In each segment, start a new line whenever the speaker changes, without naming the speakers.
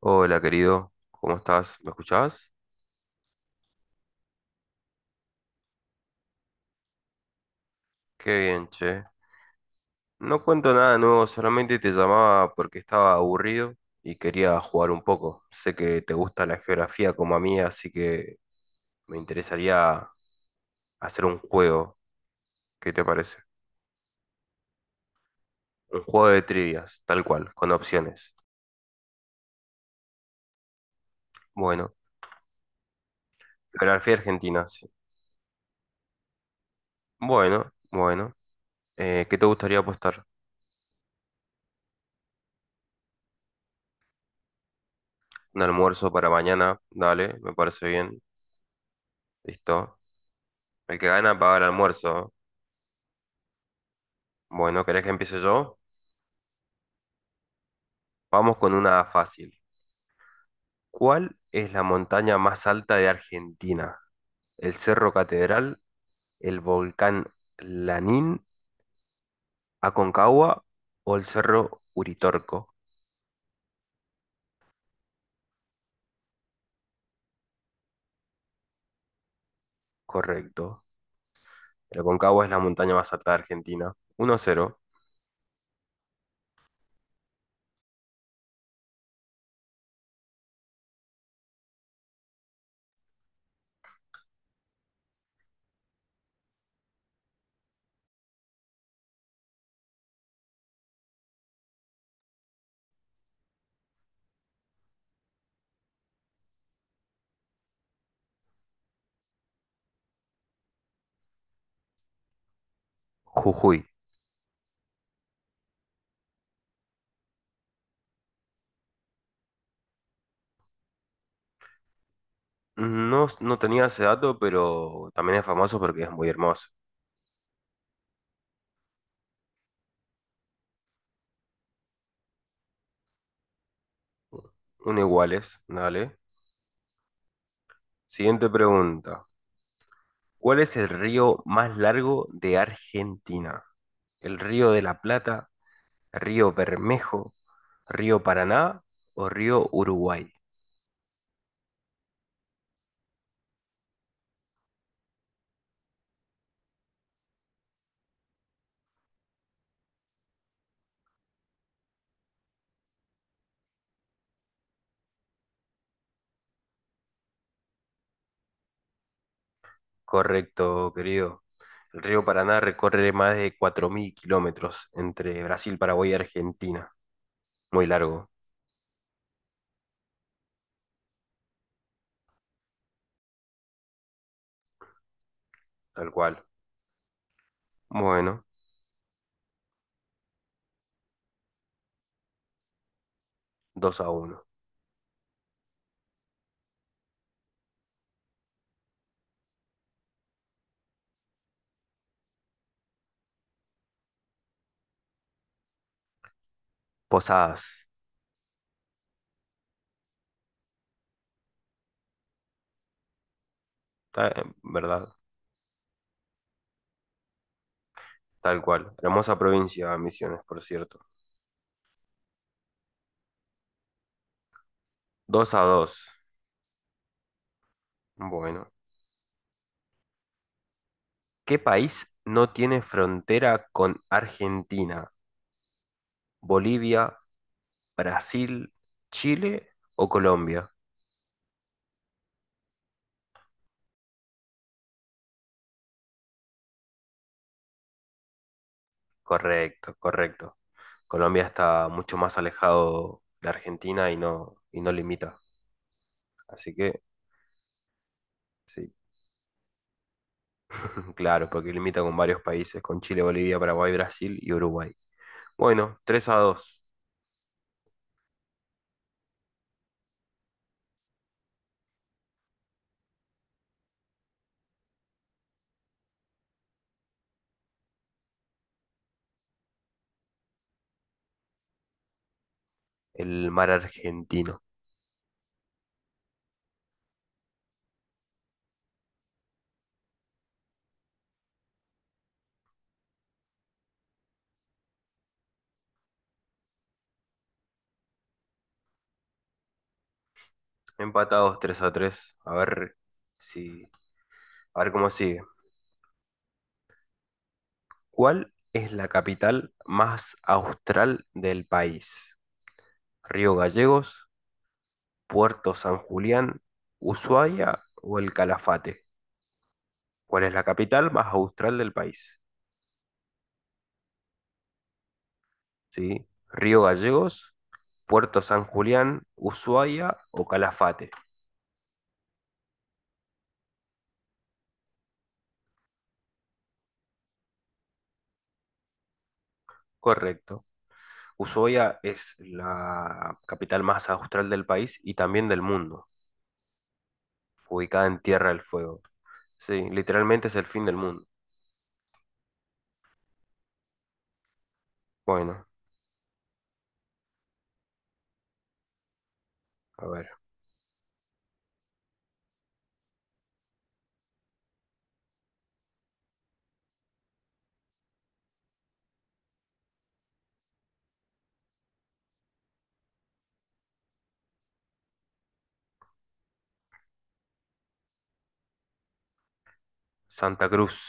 Hola querido, ¿cómo estás? ¿Me escuchás? Qué bien, che. No cuento nada nuevo, solamente te llamaba porque estaba aburrido y quería jugar un poco. Sé que te gusta la geografía como a mí, así que me interesaría hacer un juego. ¿Qué te parece? Un juego de trivias, tal cual, con opciones. Bueno, geografía argentina, sí. Bueno, bueno. ¿Qué te gustaría apostar? Un almuerzo para mañana, dale, me parece bien. Listo. El que gana paga el almuerzo. Bueno, ¿querés que empiece yo? Vamos con una fácil. ¿Cuál es la montaña más alta de Argentina? ¿El Cerro Catedral, el volcán Lanín, Aconcagua o el Cerro Uritorco? Correcto. El Aconcagua es la montaña más alta de Argentina. 1-0. Jujuy. No, no tenía ese dato, pero también es famoso porque es muy hermoso. Un iguales, dale. Siguiente pregunta. ¿Cuál es el río más largo de Argentina? ¿El río de la Plata, río Bermejo, río Paraná o río Uruguay? Correcto, querido. El río Paraná recorre más de 4.000 kilómetros entre Brasil, Paraguay y Argentina. Muy largo, tal cual. Bueno, 2-1. Posadas, ¿verdad? Tal cual. Hermosa provincia, Misiones, por cierto. 2-2. Bueno. ¿Qué país no tiene frontera con Argentina, Bolivia, Brasil, Chile o Colombia? Correcto, correcto. Colombia está mucho más alejado de Argentina y no limita. Así que sí, claro, porque limita con varios países, con Chile, Bolivia, Paraguay, Brasil y Uruguay. Bueno, 3-2, el mar argentino. Empatados 3-3. A ver, si, a ver cómo sigue. ¿Cuál es la capital más austral del país? ¿Río Gallegos, Puerto San Julián, Ushuaia o el Calafate? ¿Cuál es la capital más austral del país? ¿Sí? ¿Río Gallegos, Puerto San Julián, Ushuaia o Calafate? Correcto. Ushuaia es la capital más austral del país y también del mundo, ubicada en Tierra del Fuego. Sí, literalmente es el fin del mundo. Bueno, a ver. Santa Cruz.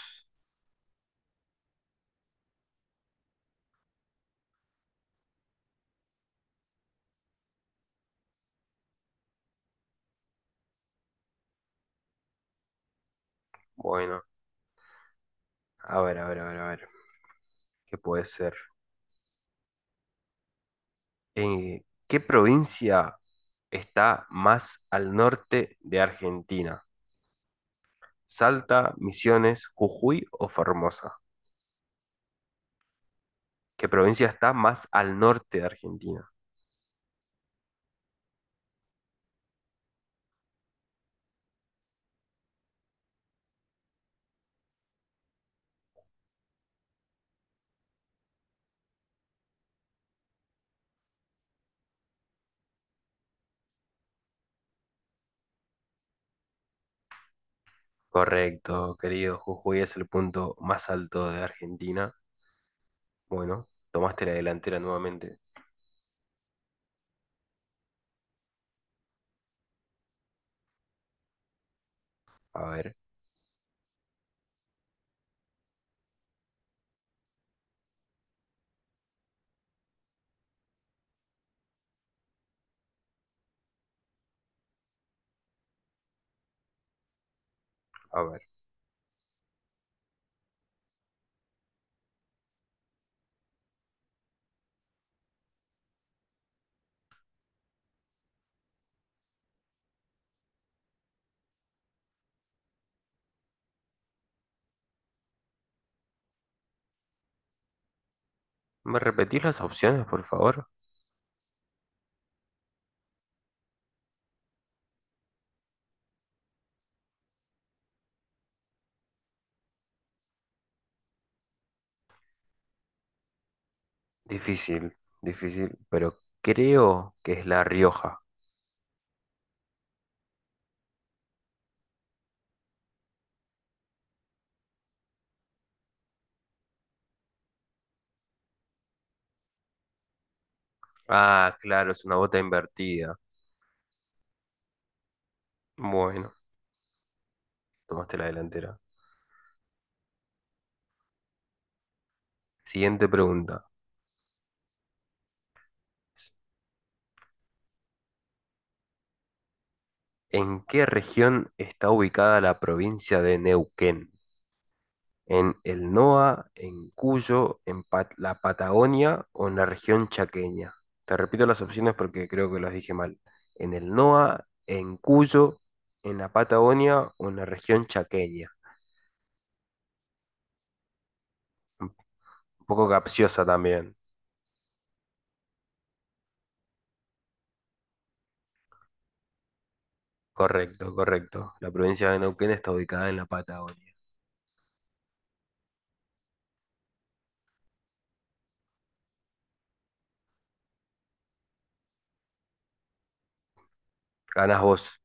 Bueno, a ver, a ver, a ver, a ver. ¿Qué puede ser? ¿Qué provincia está más al norte de Argentina? ¿Salta, Misiones, Jujuy o Formosa? ¿Qué provincia está más al norte de Argentina? Correcto, querido. Jujuy es el punto más alto de Argentina. Bueno, tomaste la delantera nuevamente. A ver, a ver. ¿Me repetís las opciones, por favor? Difícil, difícil, pero creo que es La Rioja. Ah, claro, es una bota invertida. Bueno, tomaste la delantera. Siguiente pregunta. ¿En qué región está ubicada la provincia de Neuquén? ¿En el NOA, en Cuyo, en la Patagonia o en la región chaqueña? Te repito las opciones porque creo que las dije mal. ¿En el NOA, en Cuyo, en la Patagonia o en la región chaqueña? Un poco capciosa también. Correcto, correcto. La provincia de Neuquén está ubicada en la Patagonia. Ganas vos.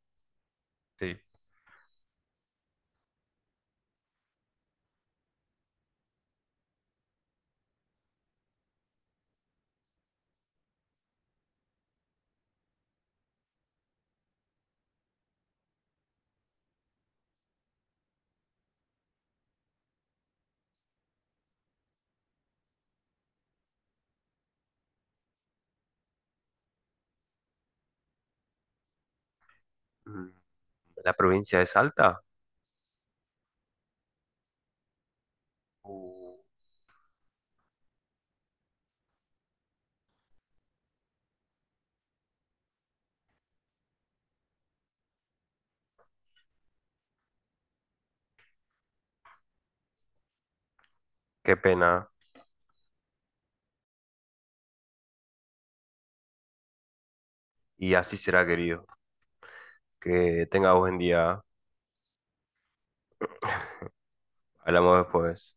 Sí. Mm, ¿la provincia de Salta? Uh. Qué pena. Y así será, querido. Que tenga buen día. Hablamos después.